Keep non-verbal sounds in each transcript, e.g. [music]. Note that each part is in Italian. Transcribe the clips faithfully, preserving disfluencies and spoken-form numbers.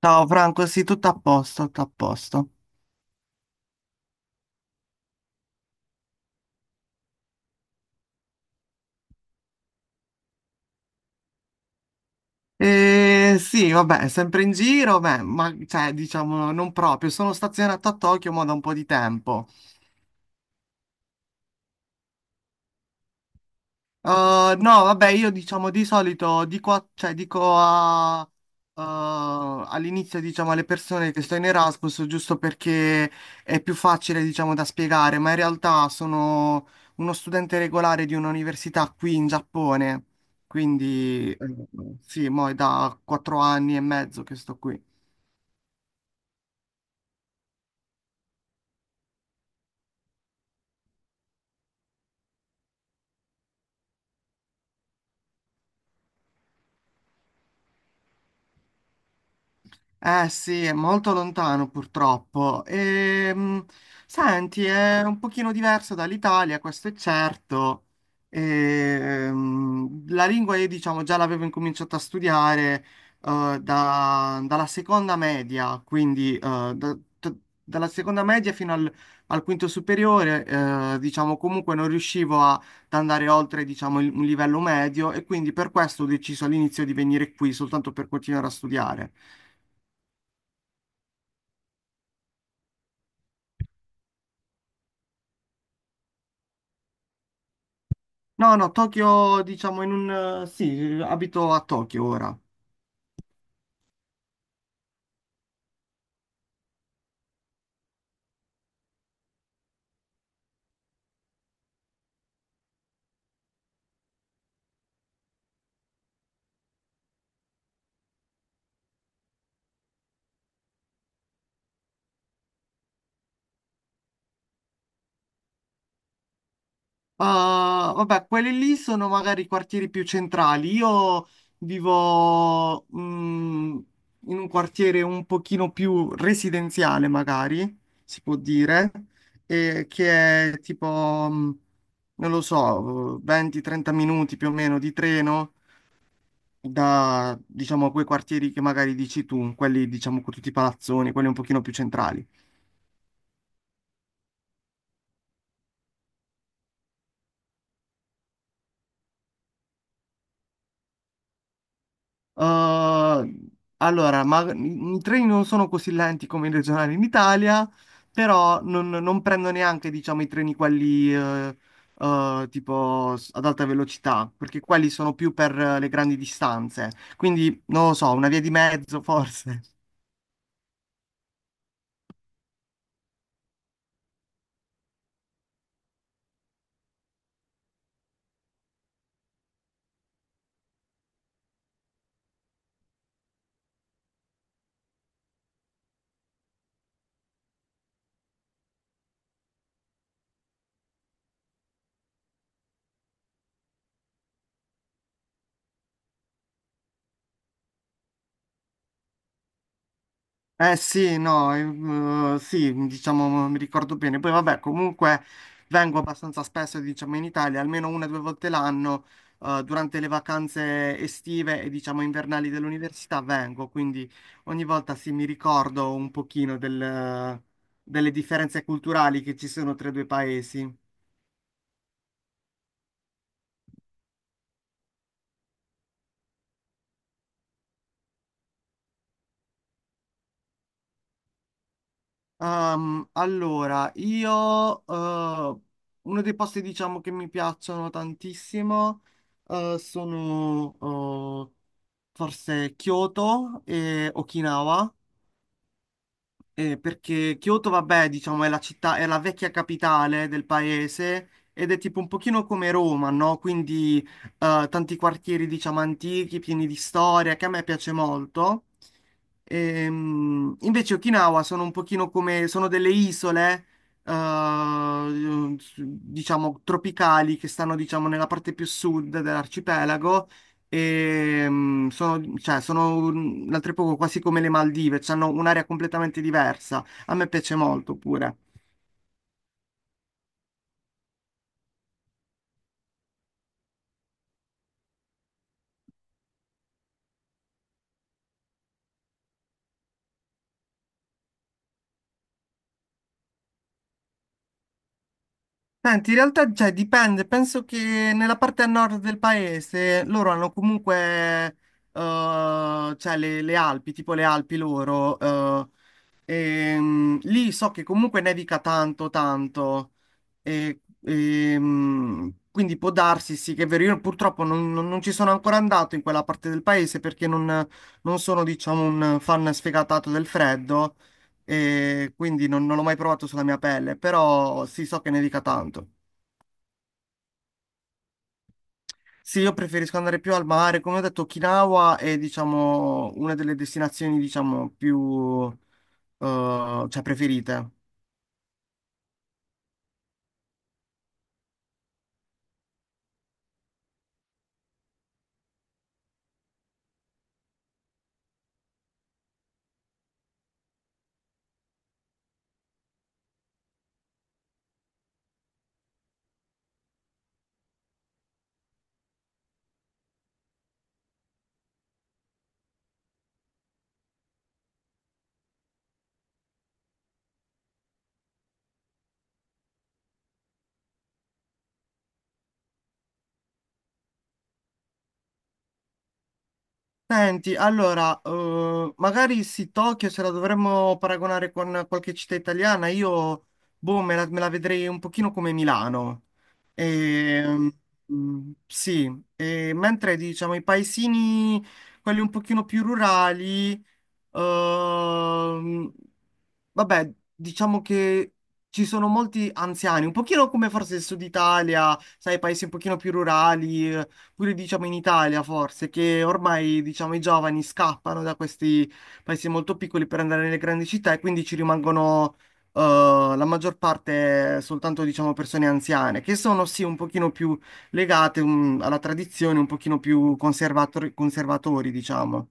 Ciao Franco, sì, tutto a posto, tutto a posto. Eh, sì, vabbè, sempre in giro, beh, ma cioè, diciamo, non proprio. Sono stazionato a Tokyo ma da un po' di tempo. Uh, no, vabbè, io diciamo di solito dico, a- cioè, dico a- uh, all'inizio diciamo alle persone che sto in Erasmus giusto perché è più facile diciamo da spiegare, ma in realtà sono uno studente regolare di un'università qui in Giappone, quindi eh, sì, mo è da quattro anni e mezzo che sto qui. Eh sì, è molto lontano purtroppo. Ehm, senti, è un pochino diverso dall'Italia, questo è certo. Ehm, la lingua io diciamo già l'avevo incominciato a studiare eh, da- dalla seconda media, quindi eh, da- da- dalla seconda media fino al, al quinto superiore, eh, diciamo comunque non riuscivo a- ad andare oltre diciamo il- un livello medio e quindi per questo ho deciso all'inizio di venire qui soltanto per continuare a studiare. No, no, Tokyo, diciamo, in un... eh, Sì, abito a Tokyo ora. Ah, vabbè, quelli lì sono magari i quartieri più centrali. Io vivo mm, in un quartiere un pochino più residenziale, magari, si può dire, e che è tipo, mm, non lo so, venti trenta minuti più o meno di treno da, diciamo, quei quartieri che magari dici tu, quelli, diciamo, con tutti i palazzoni, quelli un pochino più centrali. Uh, allora, ma i i treni non sono così lenti come i regionali in Italia, però non, non prendo neanche, diciamo, i treni quelli eh, eh, tipo s- ad alta velocità, perché quelli sono più per eh, le grandi distanze. Quindi, non lo so, una via di mezzo forse. Eh sì, no, eh, eh, sì, diciamo, mi ricordo bene. Poi vabbè, comunque vengo abbastanza spesso, diciamo, in Italia, almeno una o due volte l'anno, eh, durante le vacanze estive e, diciamo, invernali dell'università vengo, quindi ogni volta sì, mi ricordo un pochino del- delle differenze culturali che ci sono tra i due paesi. Ehm, allora, io, eh, uno dei posti, diciamo, che mi piacciono tantissimo eh, sono eh, forse Kyoto e Okinawa, eh, perché Kyoto, vabbè, diciamo, è la città, è la vecchia capitale del paese ed è tipo un pochino come Roma, no? Quindi eh, tanti quartieri, diciamo, antichi, pieni di storia, che a me piace molto. Ehm, invece Okinawa sono un pochino come, sono delle isole, eh, diciamo, tropicali che stanno, diciamo, nella parte più sud dell'arcipelago e, mm, sono, cioè, sono un- l'altro poco quasi come le Maldive, cioè, hanno un'area completamente diversa. A me piace molto pure. Senti, in realtà, cioè, dipende. Penso che nella parte a nord del paese loro hanno comunque, eh, cioè, le, le Alpi, tipo le Alpi loro. eh, e, mm, lì so che comunque nevica tanto, tanto. E, ehm, quindi può darsi, sì, che è vero. Io purtroppo non, non- non ci sono ancora andato in quella parte del paese perché non, non sono, diciamo, un fan sfegatato del freddo e quindi non, non l'ho mai provato sulla mia pelle, però sì, so che nevica tanto. Sì, io preferisco andare più al mare. Come ho detto, Okinawa è, diciamo, una delle destinazioni, diciamo, più, eh, cioè, preferite. Senti, allora, eh, magari sì, Tokyo se la dovremmo paragonare con qualche città italiana, io, boh, me la, me la vedrei un pochino come Milano. E, mm, sì, e mentre diciamo i paesini, quelli un pochino più rurali, ehm, Vabbè, diciamo che ci sono molti anziani, un pochino come forse il Sud Italia, sai, paesi un pochino più rurali, eh, pure diciamo in Italia forse, che ormai diciamo i giovani scappano da questi paesi molto piccoli per andare nelle grandi città e quindi ci rimangono eh, la maggior parte soltanto diciamo persone anziane, che sono sì un pochino più legate mm, alla tradizione, un pochino più conservatori, conservatori, diciamo.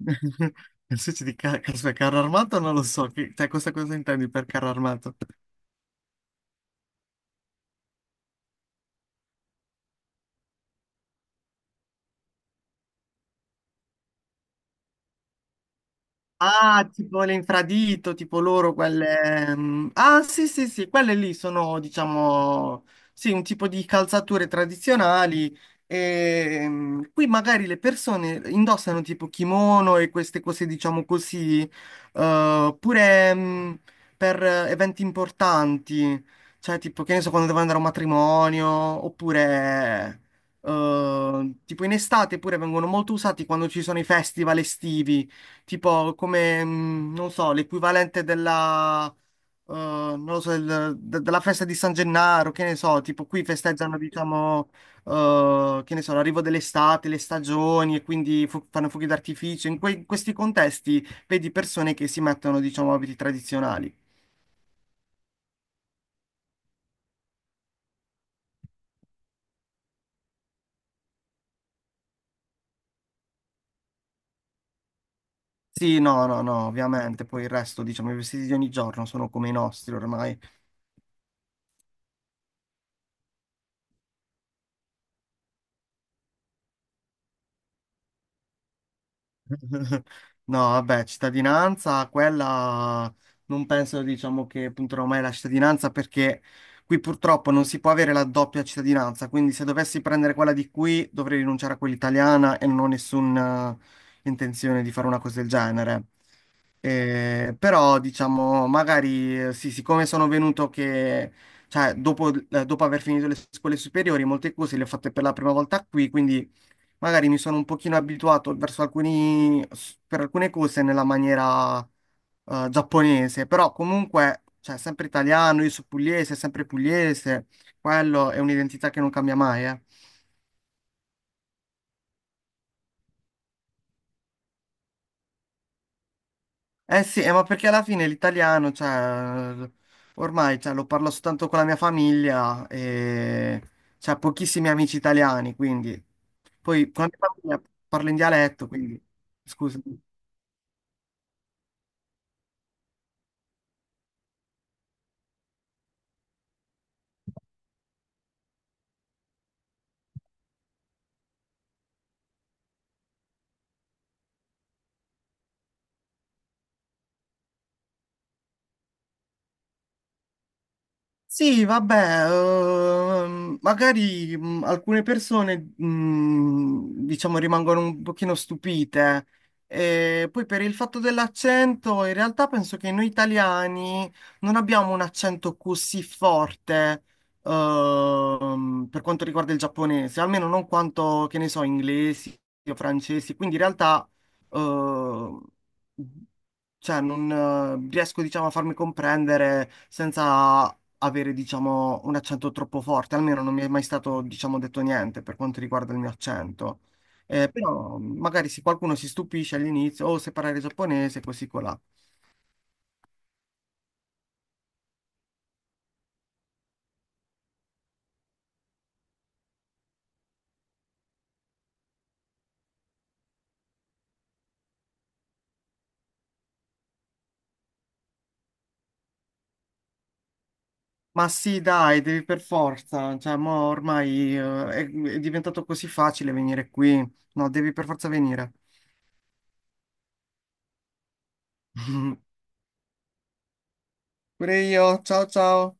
[laughs] Nel senso di ca- aspetta, carro armato non lo so, che, cioè, questa cosa intendi per carro armato? Ah, tipo l'infradito, tipo loro quelle... mm, Ah, sì, sì, sì, quelle lì sono, diciamo, sì, un tipo di calzature tradizionali. E, mm, qui magari le persone indossano tipo kimono e queste cose, diciamo così, eh, pure mm, per eh, eventi importanti, cioè tipo, che ne so, quando devo andare a un matrimonio, oppure... eh, tipo in estate pure vengono molto usati quando ci sono i festival estivi tipo come, mm, non so, l'equivalente della, eh, non lo so, del- de- della festa di San Gennaro, che ne so, tipo qui festeggiano, diciamo, eh, che ne so, l'arrivo dell'estate, le stagioni e quindi fu- fanno fuochi d'artificio. In, que- in questi contesti vedi persone che si mettono, diciamo, abiti tradizionali. Sì, no, no, no, ovviamente, poi il resto, diciamo, i vestiti di ogni giorno sono come i nostri ormai. [laughs] No, vabbè, cittadinanza, quella non penso, diciamo, che punterò mai la cittadinanza perché qui purtroppo non si può avere la doppia cittadinanza, quindi se dovessi prendere quella di qui dovrei rinunciare a quella italiana e non ho nessuna intenzione di fare una cosa del genere. Eh, però, diciamo, magari eh, sì, siccome sono venuto che, cioè, dopo, eh, dopo aver finito le scuole superiori, molte cose le ho fatte per la prima volta qui, quindi magari mi sono un pochino abituato verso alcuni, s- per alcune cose nella maniera eh, giapponese, però comunque, cioè, sempre italiano, io sono pugliese, sempre pugliese, quello è un'identità che non cambia mai, eh. Eh sì, eh, ma perché alla fine l'italiano, cioè, ormai, cioè, lo parlo soltanto con la mia famiglia e c'è pochissimi amici italiani, quindi... Poi con la mia famiglia parlo in dialetto, quindi... Scusa. Sì, vabbè, ehm, magari mh, alcune persone, mh, diciamo, rimangono un pochino stupite. E poi per il fatto dell'accento, in realtà penso che noi italiani non abbiamo un accento così forte, ehm, per quanto riguarda il giapponese, almeno non quanto, che ne so, inglesi o francesi. Quindi in realtà, ehm, cioè, non eh, riesco, diciamo, a farmi comprendere senza avere, diciamo, un accento troppo forte, almeno non mi è mai stato, diciamo, detto niente per quanto riguarda il mio accento. Eh, però magari se qualcuno si stupisce all'inizio, o se parlare giapponese, così colà. Ma sì, dai, devi per forza, cioè, mo ormai eh, è, è diventato così facile venire qui. No, devi per forza venire. [laughs] Pure io, ciao ciao.